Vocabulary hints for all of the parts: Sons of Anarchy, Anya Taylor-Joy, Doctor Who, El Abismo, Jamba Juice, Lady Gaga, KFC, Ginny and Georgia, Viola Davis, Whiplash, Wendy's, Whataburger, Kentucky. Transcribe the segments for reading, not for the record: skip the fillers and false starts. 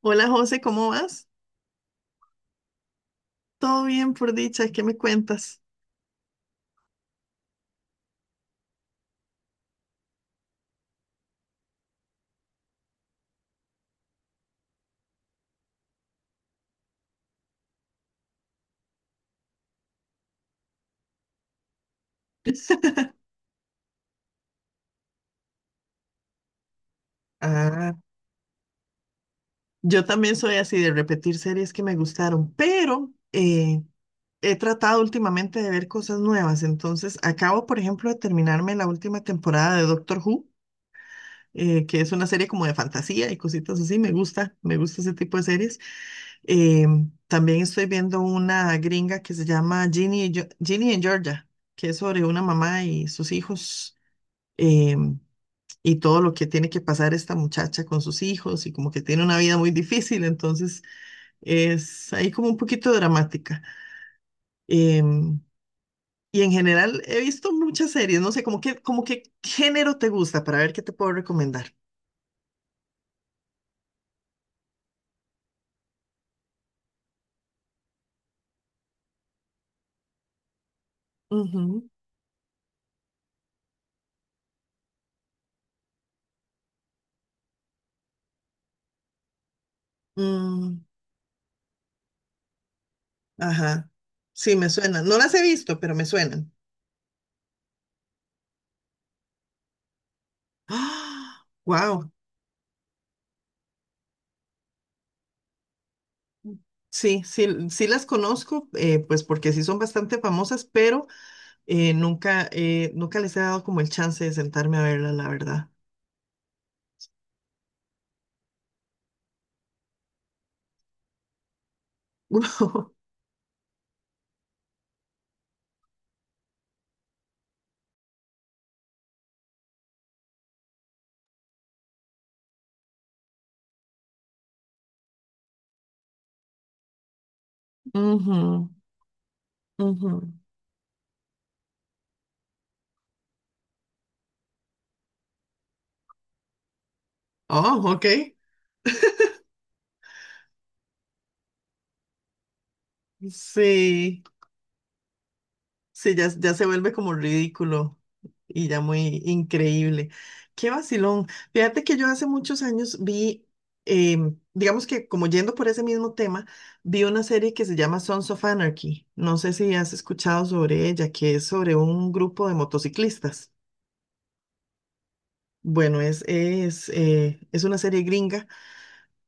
Hola José, ¿cómo vas? Todo bien por dicha, ¿qué me cuentas? Ah, Yo también soy así de repetir series que me gustaron, pero he tratado últimamente de ver cosas nuevas. Entonces, acabo, por ejemplo, de terminarme la última temporada de Doctor Who, que es una serie como de fantasía y cositas así. Me gusta ese tipo de series. Eh, también estoy viendo una gringa que se llama Ginny en Georgia, que es sobre una mamá y sus hijos. Eh, y todo lo que tiene que pasar esta muchacha con sus hijos y como que tiene una vida muy difícil, entonces es ahí como un poquito dramática. Em, y en general he visto muchas series, no sé, como que género te gusta para ver qué te puedo recomendar. Ujú. Mm, ajá, sí, me suenan. No las he visto, pero me suenan. ¡Ah! Wow. Sí, sí, sí las conozco, pues porque sí son bastante famosas, pero nunca les he dado como el chance de sentarme a verlas, la verdad. Ujú, ujú. Oh, ok. Sí, sí, ya, ya se vuelve como ridículo y ya muy increíble. Qué vacilón. Fíjate que yo hace muchos años vi, digamos que como yendo por ese mismo tema, vi una serie que se llama Sons of Anarchy. No sé si has escuchado sobre ella, que es sobre un grupo de motociclistas. Bueno, es una serie gringa.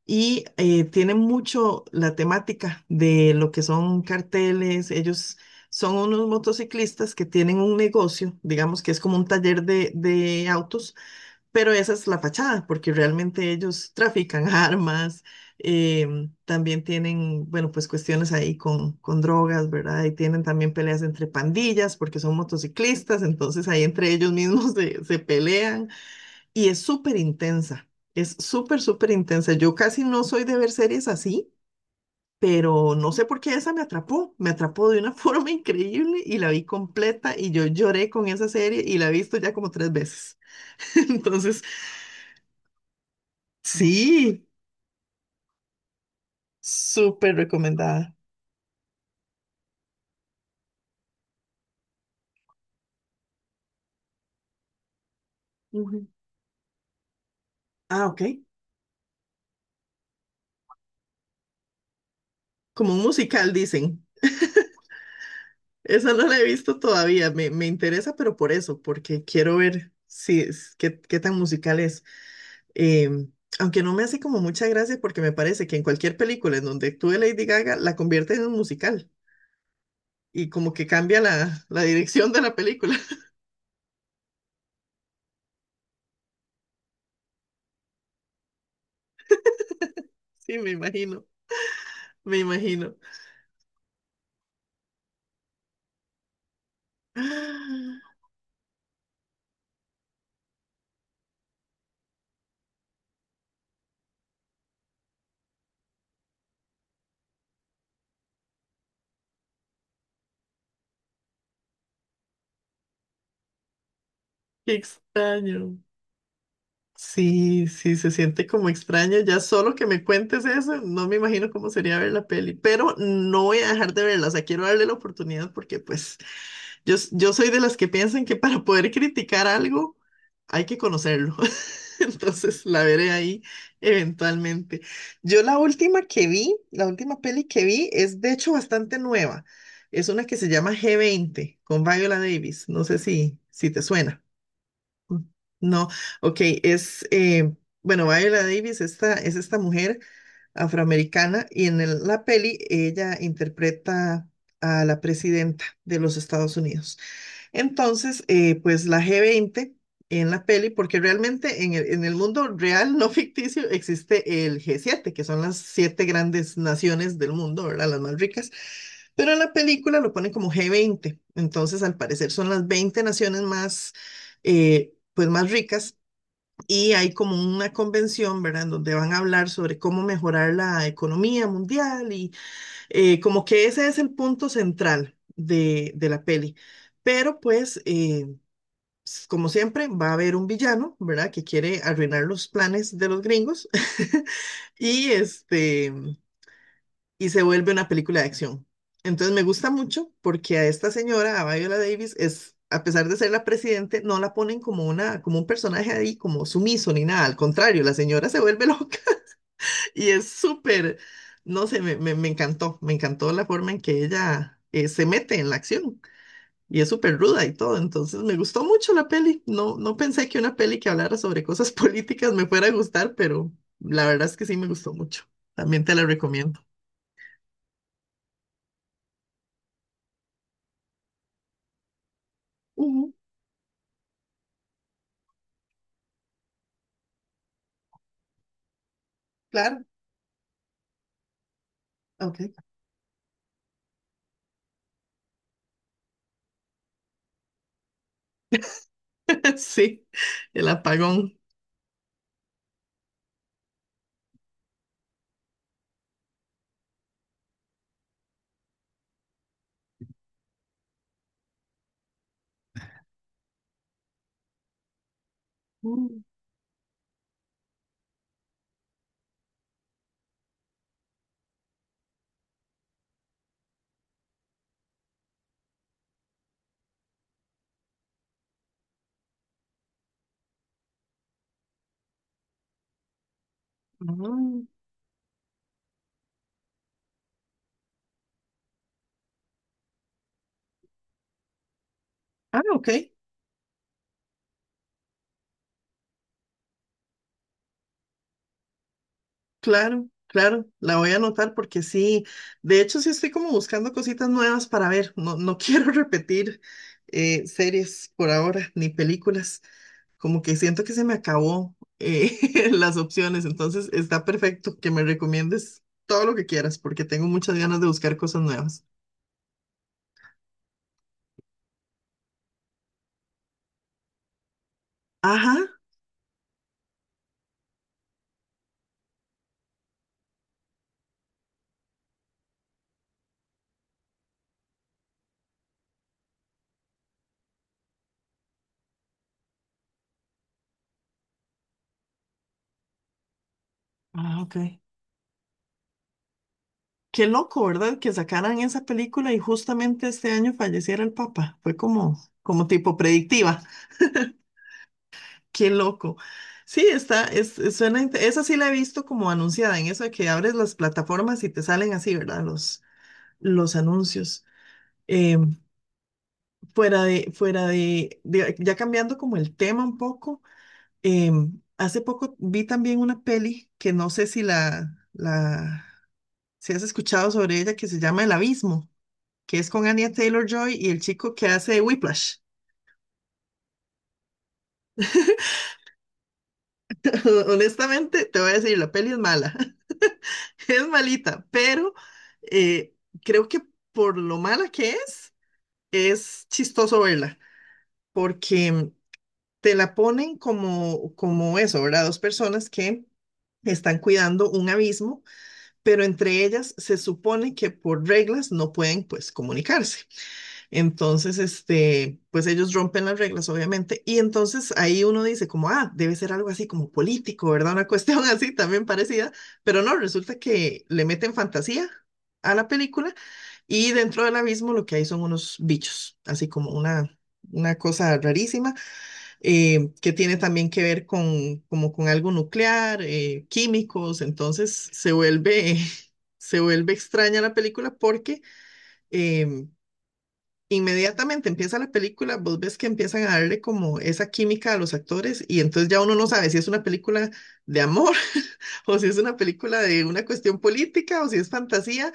Y tienen mucho la temática de lo que son carteles. Ellos son unos motociclistas que tienen un negocio, digamos que es como un taller de autos, pero esa es la fachada, porque realmente ellos trafican armas, también tienen, bueno, pues cuestiones ahí con drogas, ¿verdad? Y tienen también peleas entre pandillas, porque son motociclistas, entonces ahí entre ellos mismos se pelean. Y es súper intensa, es súper, súper intensa. Yo casi no soy de ver series así, pero no sé por qué esa me atrapó de una forma increíble y la vi completa y yo lloré con esa serie y la he visto ya como tres veces. Entonces, sí, súper recomendada. Ujú. Ah, ok. Como un musical, dicen. Esa no la he visto todavía, me interesa, pero por eso, porque quiero ver si es, qué tan musical es. Em, aunque no me hace como mucha gracia porque me parece que en cualquier película en donde actúe Lady Gaga la convierte en un musical y como que cambia la, la dirección de la película. Sí, me imagino, me imagino. ¡Ah! Qué extraño. Sí, sí, se siente como extraño. Ya solo que me cuentes eso, no me imagino cómo sería ver la peli, pero no voy a dejar de verla. O sea, quiero darle la oportunidad porque pues yo, yo soy de las que piensan que para poder criticar algo hay que conocerlo. Entonces la veré ahí eventualmente. Yo la última que vi, la última peli que vi es de hecho bastante nueva. Es una que se llama g veinte con Viola Davis. No sé si, si te suena. Mm, No, ok, es, eh, bueno, Viola Davis esta, es esta mujer afroamericana y en la peli ella interpreta a la presidenta de los Estados Unidos. Entonces, pues la G20 en la peli, porque realmente en el mundo real, no ficticio, existe el G7, que son las siete grandes naciones del mundo, ¿verdad? Las más ricas. Pero en la película lo ponen como G20. Entonces, al parecer, son las 20 naciones más, pues más ricas y hay como una convención, ¿verdad?, en donde van a hablar sobre cómo mejorar la economía mundial y como que ese es el punto central de la peli. Pero pues, como siempre, va a haber un villano, ¿verdad?, que quiere arruinar los planes de los gringos y este y se vuelve una película de acción. Entonces me gusta mucho porque a esta señora, a Viola Davis, es, a pesar de ser la presidente, no la ponen como una, como un personaje ahí, como sumiso ni nada. Al contrario, la señora se vuelve loca y es súper, no sé, me encantó la forma en que ella se mete en la acción y es súper ruda y todo. Entonces me gustó mucho la peli. No, no pensé que una peli que hablara sobre cosas políticas me fuera a gustar, pero la verdad es que sí me gustó mucho. También te la recomiendo. Ujú, claro. Ok. Sí, el apagón. Mm, Ah, ah, ok. Claro, claro. La voy a anotar porque sí. De hecho, sí estoy como buscando cositas nuevas para ver. No, no quiero repetir series por ahora, ni películas. Como que siento que se me acabó las opciones. Entonces, está perfecto que me recomiendes todo lo que quieras porque tengo muchas ganas de buscar cosas nuevas. Ajá. Ah, ok. Qué loco, ¿verdad? Que sacaran esa película y justamente este año falleciera el Papa. Fue como, como tipo predictiva. Qué loco. Sí, está, suena, esa sí la he visto como anunciada, en eso de que abres las plataformas y te salen así, ¿verdad? Los anuncios. Eh, fuera de, ya cambiando como el tema un poco, eh, hace poco vi también una peli que no sé si si has escuchado sobre ella, que se llama El Abismo, que es con Anya Taylor-Joy y el chico que hace Whiplash. Honestamente, te voy a decir, la peli es mala, es malita, pero eh, creo que por lo mala que es chistoso verla, porque te la ponen como, como eso, ¿verdad? Dos personas que están cuidando un abismo pero entre ellas se supone que por reglas no pueden pues comunicarse. Entonces, este, pues ellos rompen las reglas, obviamente, y entonces ahí uno dice como, ah, debe ser algo así como político, ¿verdad? Una cuestión así también parecida, pero no, resulta que le meten fantasía a la película y dentro del abismo lo que hay son unos bichos, así como una cosa rarísima que tiene también que ver con, como con algo nuclear, químicos, entonces se vuelve, se vuelve extraña la película porque eh, inmediatamente empieza la película, vos ves que empiezan a darle como esa química a los actores y entonces ya uno no sabe si es una película de amor o si es una película de una cuestión política o si es fantasía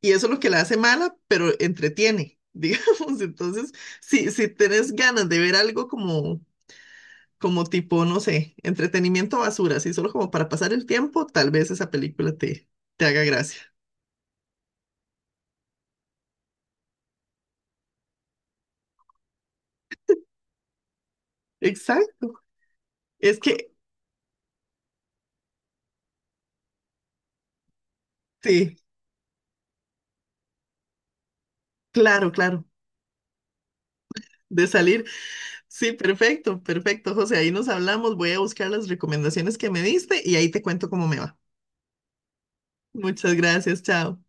y eso es lo que la hace mala, pero entretiene. Digamos, entonces, si, si tenés ganas de ver algo como como tipo, no sé, entretenimiento basura, así solo como para pasar el tiempo, tal vez esa película te haga gracia. Exacto. Es que, sí, claro, claro. De salir. Sí, perfecto, perfecto, José. Ahí nos hablamos. Voy a buscar las recomendaciones que me diste y ahí te cuento cómo me va. Muchas gracias, chao.